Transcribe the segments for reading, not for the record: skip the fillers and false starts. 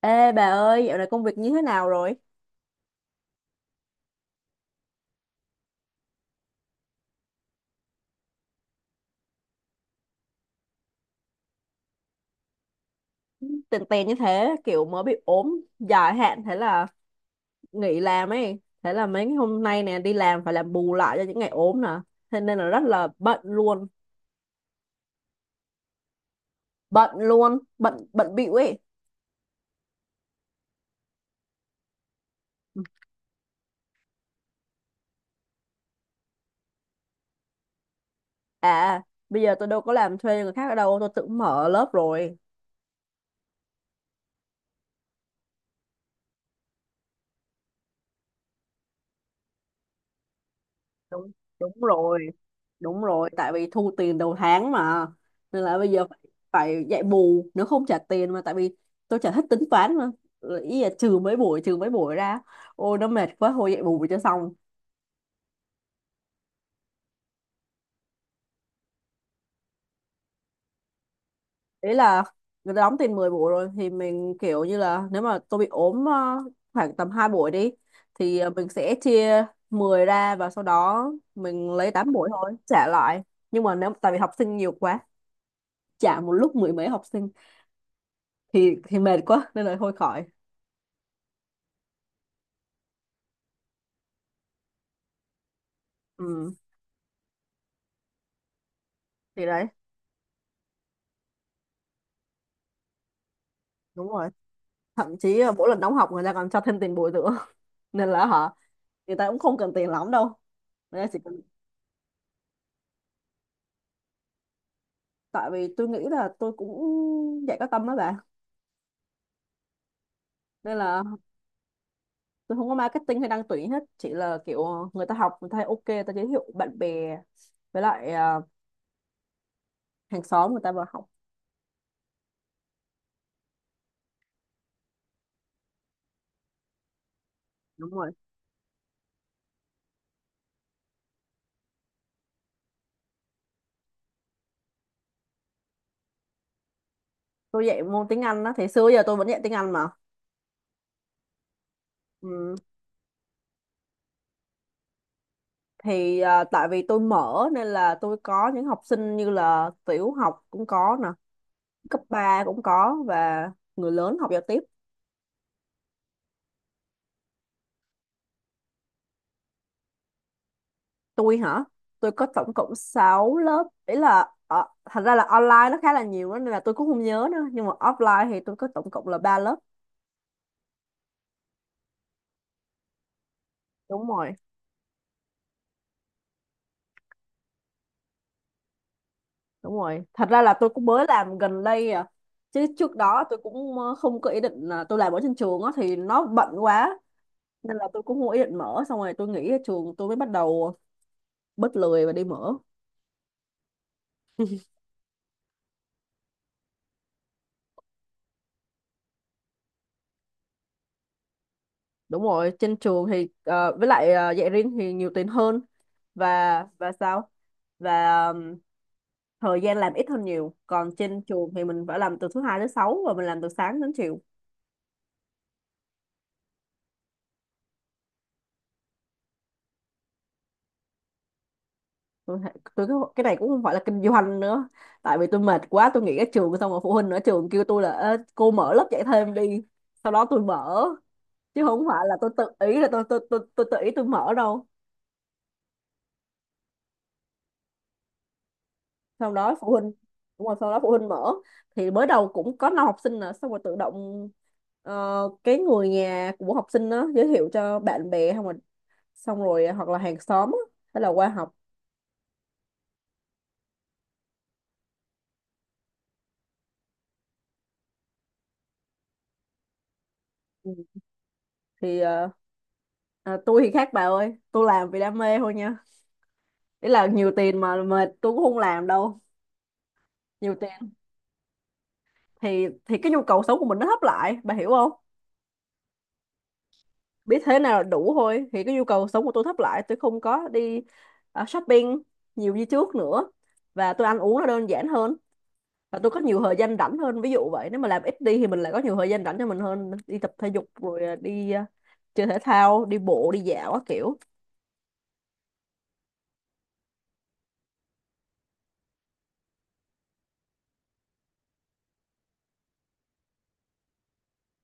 Ê bà ơi, dạo này công việc như thế nào rồi? Tèn tèn như thế, kiểu mới bị ốm dài hạn, thế là nghỉ làm ấy. Thế là mấy ngày hôm nay nè, đi làm phải làm bù lại cho những ngày ốm nè. Thế nên là rất là bận luôn. Bận luôn, bận bận bịu ấy. À, bây giờ tôi đâu có làm thuê người khác ở đâu, tôi tự mở lớp rồi. Đúng. Đúng rồi. Đúng rồi, tại vì thu tiền đầu tháng mà, nên là bây giờ phải dạy bù nếu không trả tiền, mà tại vì tôi chả thích tính toán mà. Rồi ý là trừ mấy buổi ra, ôi nó mệt quá thôi dạy bù cho xong. Ý là người ta đóng tiền 10 buổi rồi thì mình kiểu như là, nếu mà tôi bị ốm khoảng tầm 2 buổi đi, thì mình sẽ chia 10 ra, và sau đó mình lấy 8 buổi thôi trả lại. Nhưng mà nếu tại vì học sinh nhiều quá, trả một lúc mười mấy học sinh thì mệt quá, nên là thôi khỏi. Ừ, thì đấy. Đúng rồi, thậm chí là mỗi lần đóng học người ta còn cho thêm tiền bồi dưỡng. Nên là hả, người ta cũng không cần tiền lắm đâu, nên là chỉ cần... Tại vì tôi nghĩ là tôi cũng dạy có tâm đó bà. Nên là tôi không có marketing hay đăng tuyển hết, chỉ là kiểu người ta học người ta thấy ok, người ta giới thiệu bạn bè, với lại hàng xóm người ta vào học. Đúng rồi, tôi dạy môn tiếng Anh đó, thì xưa giờ tôi vẫn dạy tiếng Anh mà. Ừ. Thì tại vì tôi mở nên là tôi có những học sinh như là tiểu học cũng có nè, cấp 3 cũng có, và người lớn học giao tiếp. Tôi hả? Tôi có tổng cộng 6 lớp, ý là thành ra là online nó khá là nhiều đó, nên là tôi cũng không nhớ nữa, nhưng mà offline thì tôi có tổng cộng là 3 lớp. Đúng rồi. Đúng rồi, thật ra là tôi cũng mới làm gần đây à. Chứ trước đó tôi cũng không có ý định, là tôi làm ở trên trường á thì nó bận quá, nên là tôi cũng không có ý định mở, xong rồi tôi nghỉ ở trường tôi mới bắt đầu bớt lười và đi mở. Đúng rồi, trên trường thì với lại dạy riêng thì nhiều tiền hơn. Và sao, và thời gian làm ít hơn nhiều, còn trên trường thì mình phải làm từ thứ hai tới sáu, và mình làm từ sáng đến chiều. Tôi, tôi cái này cũng không phải là kinh doanh nữa, tại vì tôi mệt quá tôi nghỉ ở trường xong rồi phụ huynh ở trường kêu tôi là "Ê, cô mở lớp dạy thêm đi", sau đó tôi mở, chứ không phải là tôi tự ý là tôi tự ý tôi mở đâu. Sau đó phụ huynh... Đúng rồi, sau đó phụ huynh mở, thì mới đầu cũng có năm học sinh nè, xong rồi tự động ờ, cái người nhà của học sinh đó giới thiệu cho bạn bè không rồi, xong rồi hoặc là hàng xóm á, hay là qua học. Ừ. Thì tôi thì khác bà ơi, tôi làm vì đam mê thôi nha, ý là nhiều tiền mà mệt tôi cũng không làm đâu. Nhiều tiền thì cái nhu cầu sống của mình nó hấp lại, bà hiểu không? Biết thế nào là đủ thôi, thì cái nhu cầu sống của tôi thấp lại, tôi không có đi shopping nhiều như trước nữa. Và tôi ăn uống nó đơn giản hơn, và tôi có nhiều thời gian rảnh hơn, ví dụ vậy. Nếu mà làm ít đi thì mình lại có nhiều thời gian rảnh cho mình hơn, đi tập thể dục rồi đi chơi thể thao, đi bộ đi dạo các kiểu.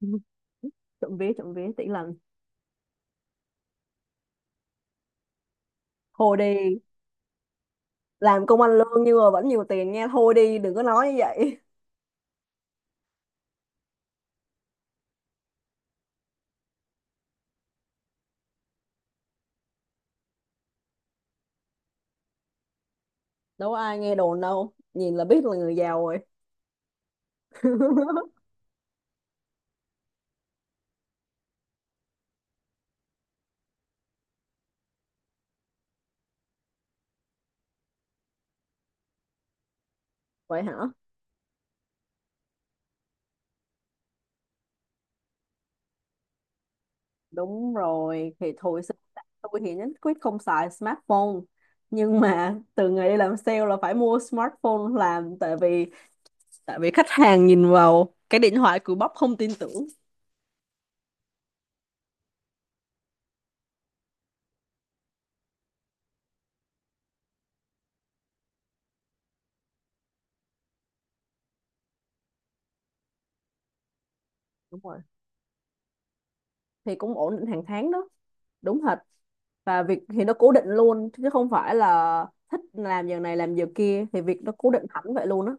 Trộm vía trộm vía tỷ lần. Thôi đi, làm công ăn lương nhưng mà vẫn nhiều tiền nghe, thôi đi đừng có nói như vậy. Đâu có ai nghe đồn đâu, nhìn là biết là người giàu rồi. Vậy hả? Đúng rồi, thì thôi sinh ra tôi thì nhất quyết không xài smartphone. Nhưng mà từ ngày đi làm sale là phải mua smartphone làm, tại vì khách hàng nhìn vào cái điện thoại cùi bắp không tin tưởng. Đúng rồi. Thì cũng ổn định hàng tháng đó, đúng thật. Và việc thì nó cố định luôn, chứ không phải là thích làm giờ này làm giờ kia, thì việc nó cố định hẳn vậy luôn á.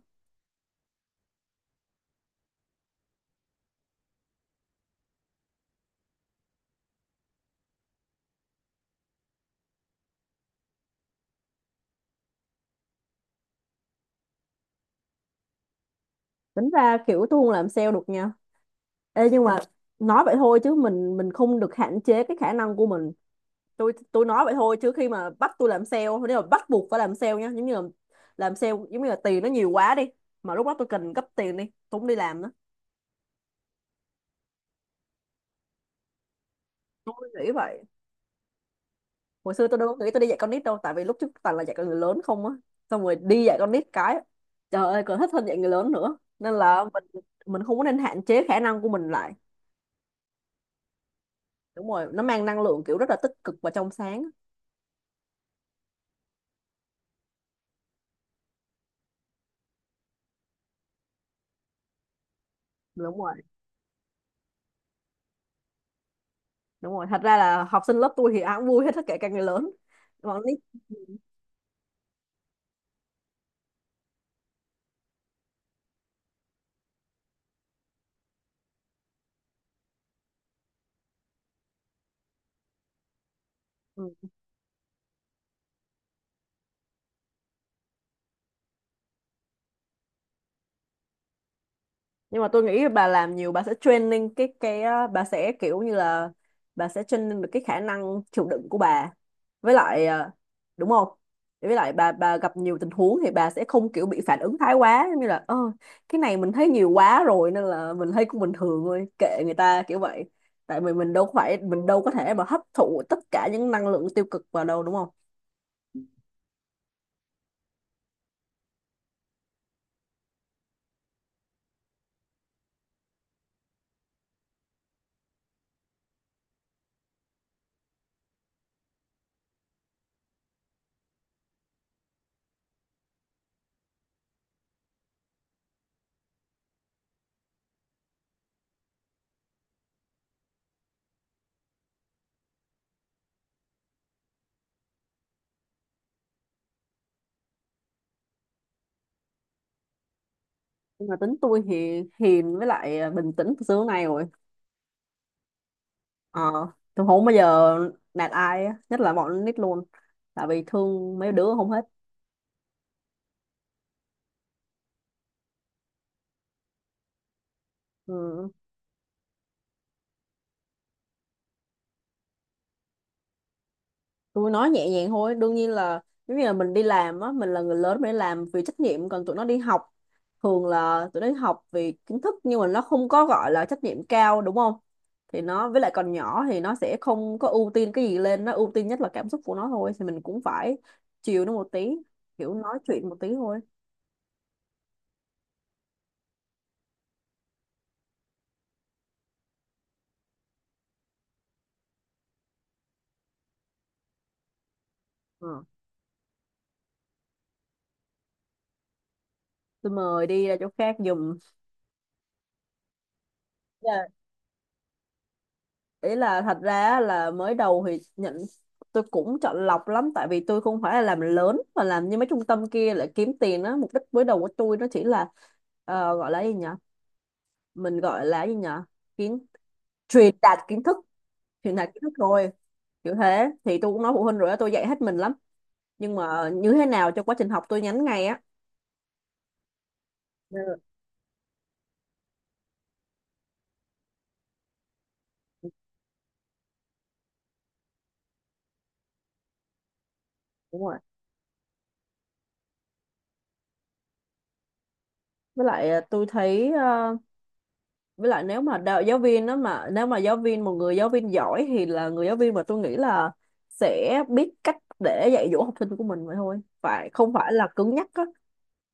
Tính ra kiểu tôi không làm sale được nha. Ê, nhưng mà nói vậy thôi chứ mình không được hạn chế cái khả năng của mình. Tôi nói vậy thôi, chứ khi mà bắt tôi làm sale, nếu mà bắt buộc phải làm sale nhá, giống như là làm sale giống như là tiền nó nhiều quá đi, mà lúc đó tôi cần gấp tiền đi, tôi không đi làm nữa. Tôi nghĩ vậy. Hồi xưa tôi đâu có nghĩ tôi đi dạy con nít đâu, tại vì lúc trước toàn là dạy con người lớn không á, xong rồi đi dạy con nít cái, trời ơi, còn thích hơn dạy người lớn nữa, nên là mình không có nên hạn chế khả năng của mình lại. Đúng rồi, nó mang năng lượng kiểu rất là tích cực và trong sáng. Đúng rồi. Đúng rồi, thật ra là học sinh lớp tôi thì ai cũng vui hết, tất cả các người lớn còn nít. Ừ. Nhưng mà tôi nghĩ bà làm nhiều bà sẽ training cái á, bà sẽ kiểu như là bà sẽ training được cái khả năng chịu đựng của bà, với lại đúng không, với lại bà gặp nhiều tình huống thì bà sẽ không kiểu bị phản ứng thái quá, giống như là "ơ, cái này mình thấy nhiều quá rồi nên là mình thấy cũng bình thường thôi, kệ người ta kiểu vậy", tại vì mình đâu phải, mình đâu có thể mà hấp thụ tất cả những năng lượng tiêu cực vào đâu, đúng không? Nhưng mà tính tôi thì hiền, với lại bình tĩnh từ xưa đến nay rồi. Ờ, tôi không bao giờ nạt ai á, nhất là bọn con nít luôn. Tại vì thương mấy đứa không hết. Ừ. Tôi nói nhẹ nhàng thôi, đương nhiên là giống như là mình đi làm á, mình là người lớn mình đi làm vì trách nhiệm, còn tụi nó đi học, thường là tụi nó đi học vì kiến thức, nhưng mà nó không có gọi là trách nhiệm cao, đúng không? Thì nó với lại còn nhỏ thì nó sẽ không có ưu tiên cái gì lên, nó ưu tiên nhất là cảm xúc của nó thôi, thì mình cũng phải chiều nó một tí, kiểu nói chuyện một tí thôi. Ờ. Tôi mời đi ra chỗ khác giùm. Dạ. Ý là thật ra là mới đầu thì nhận, tôi cũng chọn lọc lắm, tại vì tôi không phải là làm lớn mà làm như mấy trung tâm kia lại kiếm tiền á, mục đích mới đầu của tôi nó chỉ là gọi là gì nhở mình gọi là gì nhở, kiến truyền đạt kiến thức, truyền đạt kiến thức thôi. Kiểu thế thì tôi cũng nói phụ huynh rồi á, tôi dạy hết mình lắm, nhưng mà như thế nào cho quá trình học tôi nhắn ngay á. Ừ, đúng rồi, với lại tôi thấy với lại nếu mà đạo giáo viên đó, mà nếu mà giáo viên, một người giáo viên giỏi thì là người giáo viên mà tôi nghĩ là sẽ biết cách để dạy dỗ học sinh của mình vậy thôi, phải không phải là cứng nhắc á,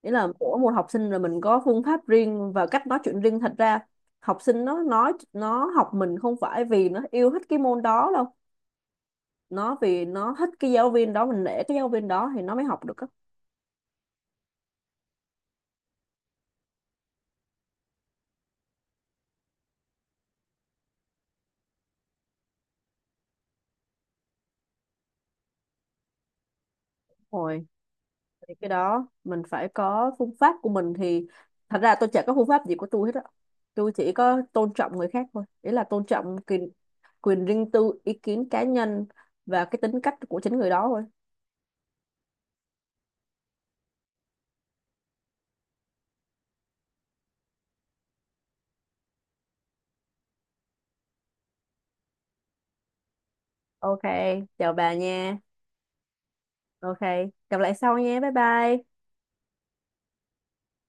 nghĩa là mỗi một học sinh là mình có phương pháp riêng và cách nói chuyện riêng. Thật ra học sinh nó nói nó học mình không phải vì nó yêu thích cái môn đó đâu, nó vì nó thích cái giáo viên đó, mình nể cái giáo viên đó thì nó mới học được. Á, thì cái đó mình phải có phương pháp của mình thì... Thật ra tôi chả có phương pháp gì của tôi hết á, tôi chỉ có tôn trọng người khác thôi, ý là tôn trọng quyền quyền riêng tư, ý kiến cá nhân, và cái tính cách của chính người đó thôi. Ok, chào bà nha. Ok, gặp lại sau nha, bye bye.